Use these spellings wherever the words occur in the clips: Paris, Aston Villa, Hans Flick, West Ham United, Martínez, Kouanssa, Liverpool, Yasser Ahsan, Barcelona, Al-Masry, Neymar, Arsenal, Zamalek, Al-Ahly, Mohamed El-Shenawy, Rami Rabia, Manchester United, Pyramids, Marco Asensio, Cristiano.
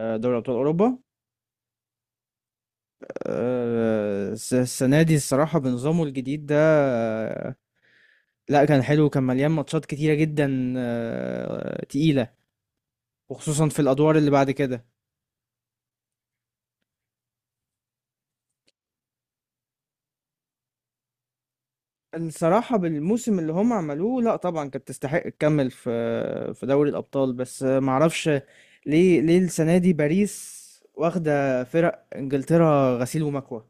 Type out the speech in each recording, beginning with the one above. آه، دوري أبطال أوروبا. السنة دي، الصراحة، بنظامه الجديد ده. آه، لا كان حلو، كان مليان ماتشات كتيرة جدا، تقيلة. وخصوصا في الأدوار اللي بعد كده. الصراحة بالموسم اللي هم عملوه، لا طبعا كانت تستحق تكمل في دوري الأبطال، بس معرفش ليه السنة دي باريس واخدة فرق إنجلترا غسيل ومكوى.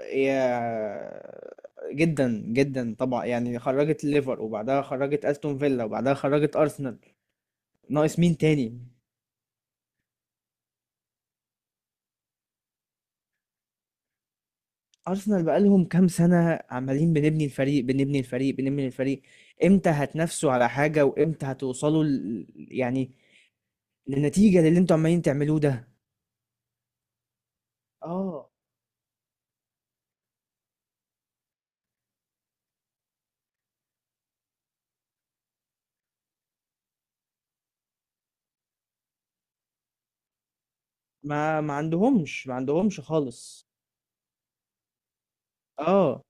يا، جدا جدا طبعا، يعني خرجت ليفر وبعدها خرجت استون فيلا وبعدها خرجت ارسنال. ناقص مين تاني؟ ارسنال بقالهم كام سنه عمالين بنبني الفريق، بنبني الفريق، بنبني الفريق. امتى هتنافسوا على حاجه؟ وامتى هتوصلوا يعني للنتيجه اللي انتوا عمالين تعملوه ده؟ اه، ما عندهمش، ما عندهمش خالص. اه،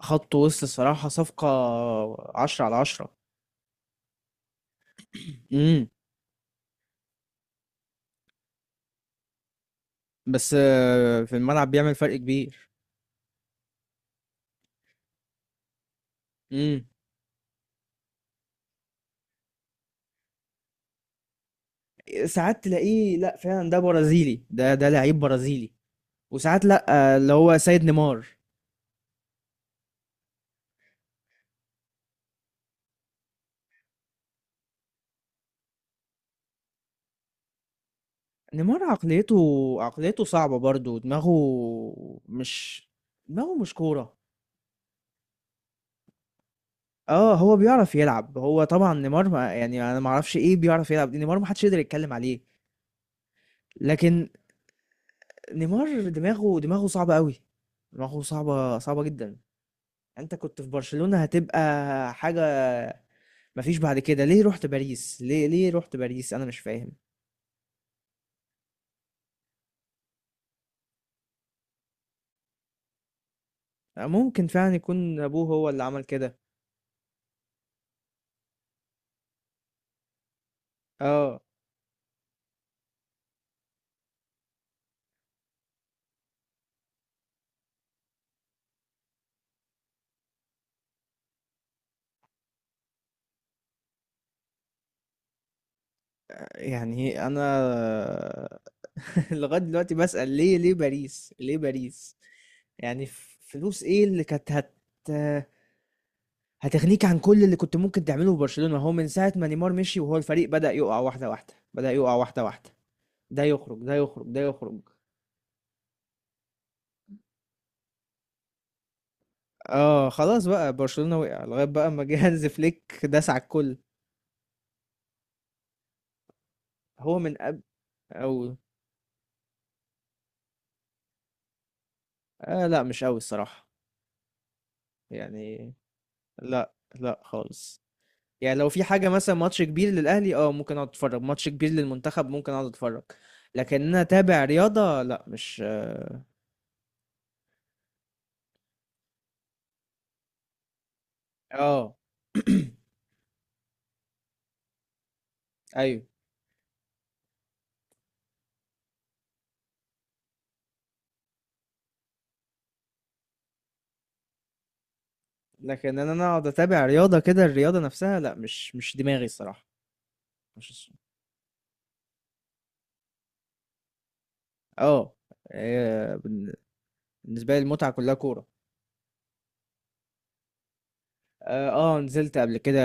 خط وسط الصراحه صفقه عشرة على عشرة. امم. بس في الملعب بيعمل فرق كبير. امم. ساعات تلاقيه، لا فعلا، ده برازيلي، ده لعيب برازيلي. وساعات لا. اللي هو سيد نيمار. نيمار، عقليته صعبة برضو. مش دماغه مش كورة. اه، هو بيعرف يلعب، هو طبعا نيمار، ما يعني انا ما اعرفش ايه، بيعرف يلعب دي نيمار، ما حدش يقدر يتكلم عليه. لكن نيمار، دماغه صعبة قوي. دماغه صعبة صعبة جدا. انت كنت في برشلونة هتبقى حاجة، مفيش بعد كده. ليه رحت باريس؟ ليه رحت باريس؟ انا مش فاهم. ممكن فعلا يكون ابوه هو اللي عمل كده. اه. يعني انا لغايه دلوقتي بسأل، ليه باريس؟ ليه باريس؟ يعني فلوس ايه اللي كانت هتغنيك عن كل اللي كنت ممكن تعمله في برشلونة؟ هو من ساعة ما نيمار مشي وهو الفريق بدأ يقع واحدة واحدة، بدأ يقع واحدة واحدة. ده يخرج، ده يخرج، ده يخرج. اه، خلاص بقى، برشلونة وقع لغاية بقى ما جه هانز فليك داس على الكل. هو من قبل، او... آه، لا مش قوي الصراحة. يعني، لا لا خالص. يعني لو في حاجة، مثلا ماتش كبير للأهلي، اه ممكن اقعد اتفرج. ماتش كبير للمنتخب ممكن اقعد اتفرج. لكن انا اتابع رياضة، لا، مش، اه. ايوه. لكن انا اقعد اتابع رياضة كده، الرياضة نفسها لا، مش دماغي الصراحة. مش، اه. آه، بن- بالنسبة لي المتعة كلها كورة. اه. نزلت قبل كده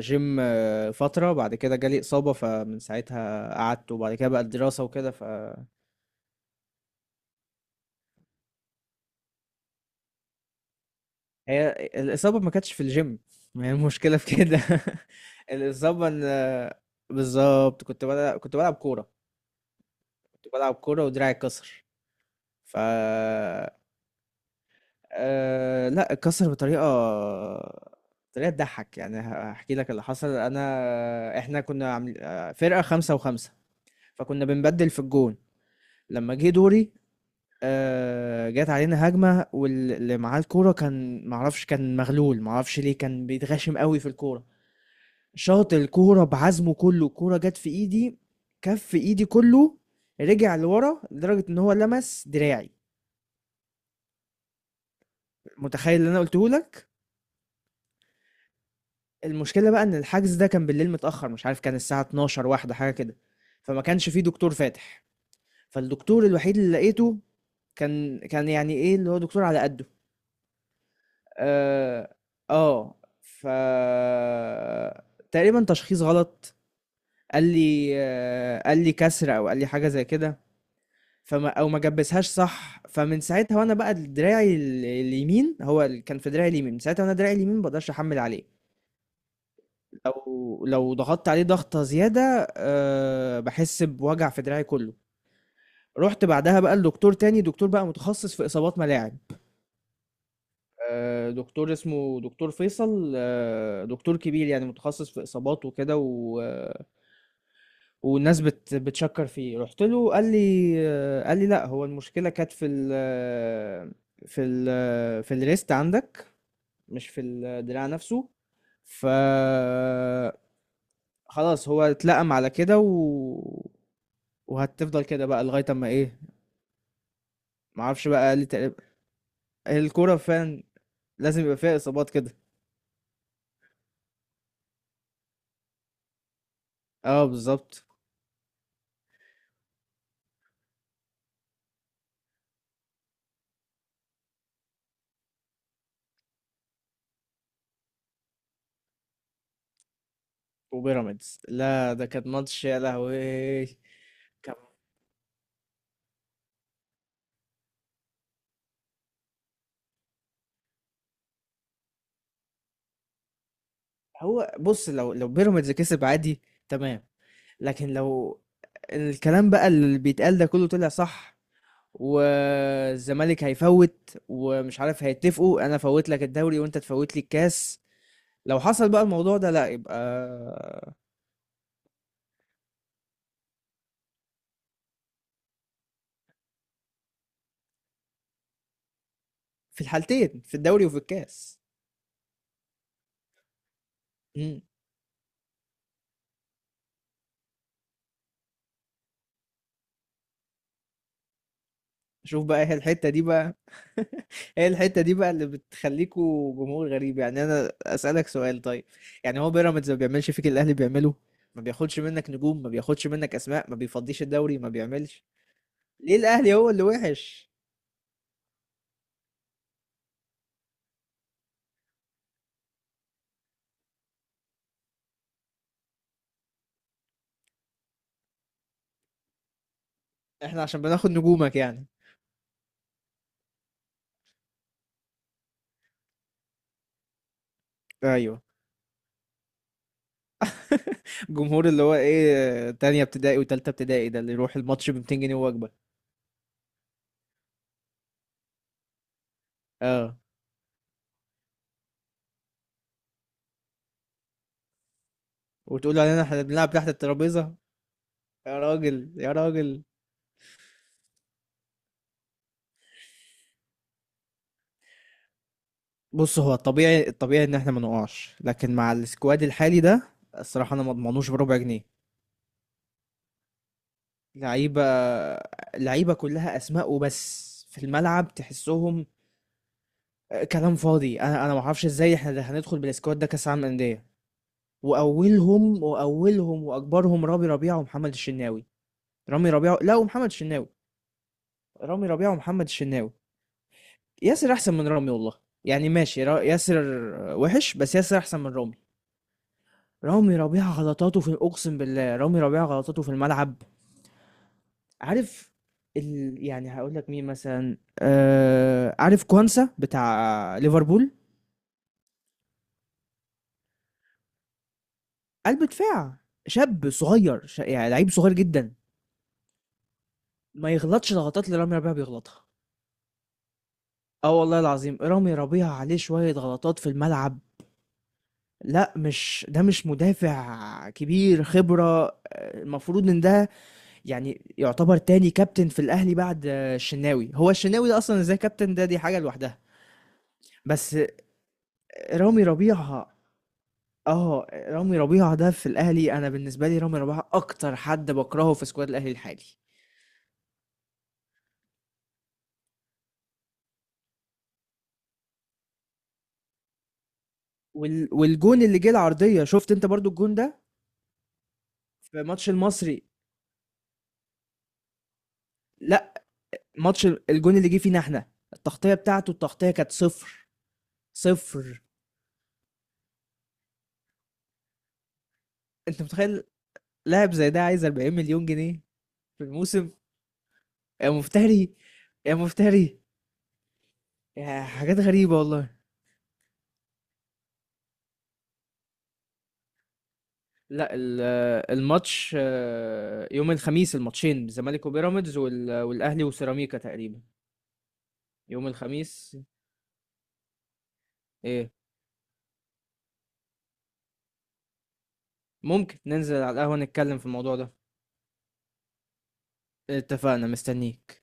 جيم فترة، بعد كده جالي إصابة، فمن ساعتها قعدت، وبعد كده بقى الدراسة وكده. هي الإصابة ما كانتش في الجيم، ما هي المشكلة في كده الإصابة بالظبط، كنت بلعب كورة، كنت بلعب كورة ودراعي اتكسر. ف لا اتكسر بطريقة، طريقة تضحك، يعني هحكي لك اللي حصل. إحنا كنا عامل... آه، فرقة خمسة وخمسة، فكنا بنبدل في الجون. لما جه دوري، جت علينا هجمة، واللي معاه الكورة كان معرفش، كان مغلول، معرفش ليه، كان بيتغشم قوي في الكورة. شاط الكورة بعزمه كله، الكورة جت في ايدي. كف ايدي كله رجع لورا لدرجة ان هو لمس دراعي. متخيل اللي انا قلته لك؟ المشكلة بقى ان الحجز ده كان بالليل متأخر، مش عارف، كان الساعة 12 واحدة، حاجة كده. فما كانش فيه دكتور فاتح، فالدكتور الوحيد اللي لقيته كان يعني ايه، اللي هو دكتور على قده. اه، اه. ف تقريبا تشخيص غلط. قال لي كسر، او قال لي حاجة زي كده. فما، او ما جبسهاش صح، فمن ساعتها وانا بقى دراعي اليمين، هو اللي كان في دراعي اليمين، من ساعتها وانا دراعي اليمين ما بقدرش احمل عليه. لو ضغطت عليه ضغطه زياده، أه بحس بوجع في دراعي كله. رحت بعدها بقى لدكتور تاني، دكتور بقى متخصص في اصابات ملاعب. أه، دكتور اسمه دكتور فيصل. أه، دكتور كبير، يعني متخصص في اصابات وكده، والناس بتشكر فيه. رحت له، قال لي لا، هو المشكلة كانت في الريست عندك، مش في الدراع نفسه. ف خلاص، هو اتلقم على كده و... وهتفضل كده بقى لغاية اما ايه. معرفش بقى، قال لي تقريبا الكورة فعلا لازم يبقى فيها اصابات كده. اه، بالظبط. وبيراميدز، لا ده كان ماتش يا لهوي. كان- هو بص، لو بيراميدز كسب، عادي، تمام. لكن لو الكلام بقى اللي بيتقال ده كله طلع صح، والزمالك هيفوت، ومش عارف هيتفقوا، انا فوت لك الدوري وانت تفوت لي الكاس. لو حصل بقى الموضوع ده، لا يبقى في الحالتين، في الدوري وفي الكاس. مم. شوف بقى، هي الحتة دي بقى هي الحتة دي بقى اللي بتخليكوا جمهور غريب. يعني انا اسألك سؤال، طيب، يعني هو بيراميدز ما بيعملش فيك اللي الاهلي بيعمله؟ ما بياخدش منك نجوم؟ ما بياخدش منك اسماء؟ ما بيفضيش الدوري؟ ما بيعملش؟ ليه الاهلي هو اللي وحش؟ احنا عشان بناخد نجومك يعني؟ ايوه، جمهور اللي هو ايه؟ تانية ابتدائي وتالتة ابتدائي، ده اللي يروح الماتش ب 200 جنيه وجبة. اه، وتقول علينا احنا بنلعب تحت الترابيزة. يا راجل، يا راجل. بص، هو الطبيعي ان احنا ما نقعش، لكن مع السكواد الحالي ده، الصراحة انا ما اضمنوش بربع جنيه. لعيبة، لعيبة كلها اسماء وبس، في الملعب تحسهم كلام فاضي. انا ما اعرفش ازاي احنا هندخل بالسكواد ده كاس عالم انديه. واولهم واكبرهم رامي ربيعه ومحمد الشناوي. رامي ربيعه، لا، ومحمد الشناوي. رامي ربيعه ومحمد الشناوي. ياسر احسن من رامي والله. يعني ماشي ياسر وحش، بس ياسر احسن من رامي. رامي ربيعه غلطاته في اقسم بالله، رامي ربيعه غلطاته في الملعب. عارف؟ يعني هقول لك مين مثلا، عارف كوانسا بتاع ليفربول؟ قلب دفاع، شاب صغير، يعني لعيب صغير جدا، ما يغلطش الغلطات اللي رامي ربيعه بيغلطها. اه، والله العظيم، رامي ربيعة عليه شوية غلطات في الملعب. لا، مش ده، مش مدافع كبير خبرة. المفروض ان ده، يعني، يعتبر تاني كابتن في الاهلي بعد الشناوي. هو الشناوي ده اصلا ازاي كابتن؟ ده دي حاجة لوحدها. بس رامي ربيعة اه رامي ربيعة ده في الاهلي، انا بالنسبة لي رامي ربيعة اكتر حد بكرهه في سكواد الاهلي الحالي. والجون اللي جه العرضية، شفت انت برضو الجون ده في ماتش المصري؟ لا، ماتش الجون اللي جه فينا، احنا التغطيه بتاعته، التغطيه كانت صفر. صفر. انت متخيل؟ لاعب زي ده عايز 40 مليون جنيه في الموسم. يا مفتري، يا مفتري. يا حاجات غريبه والله. لا، الماتش يوم الخميس الماتشين، الزمالك وبيراميدز والاهلي وسيراميكا تقريبا، يوم الخميس. ايه، ممكن ننزل على القهوه نتكلم في الموضوع ده. اتفقنا، مستنيك.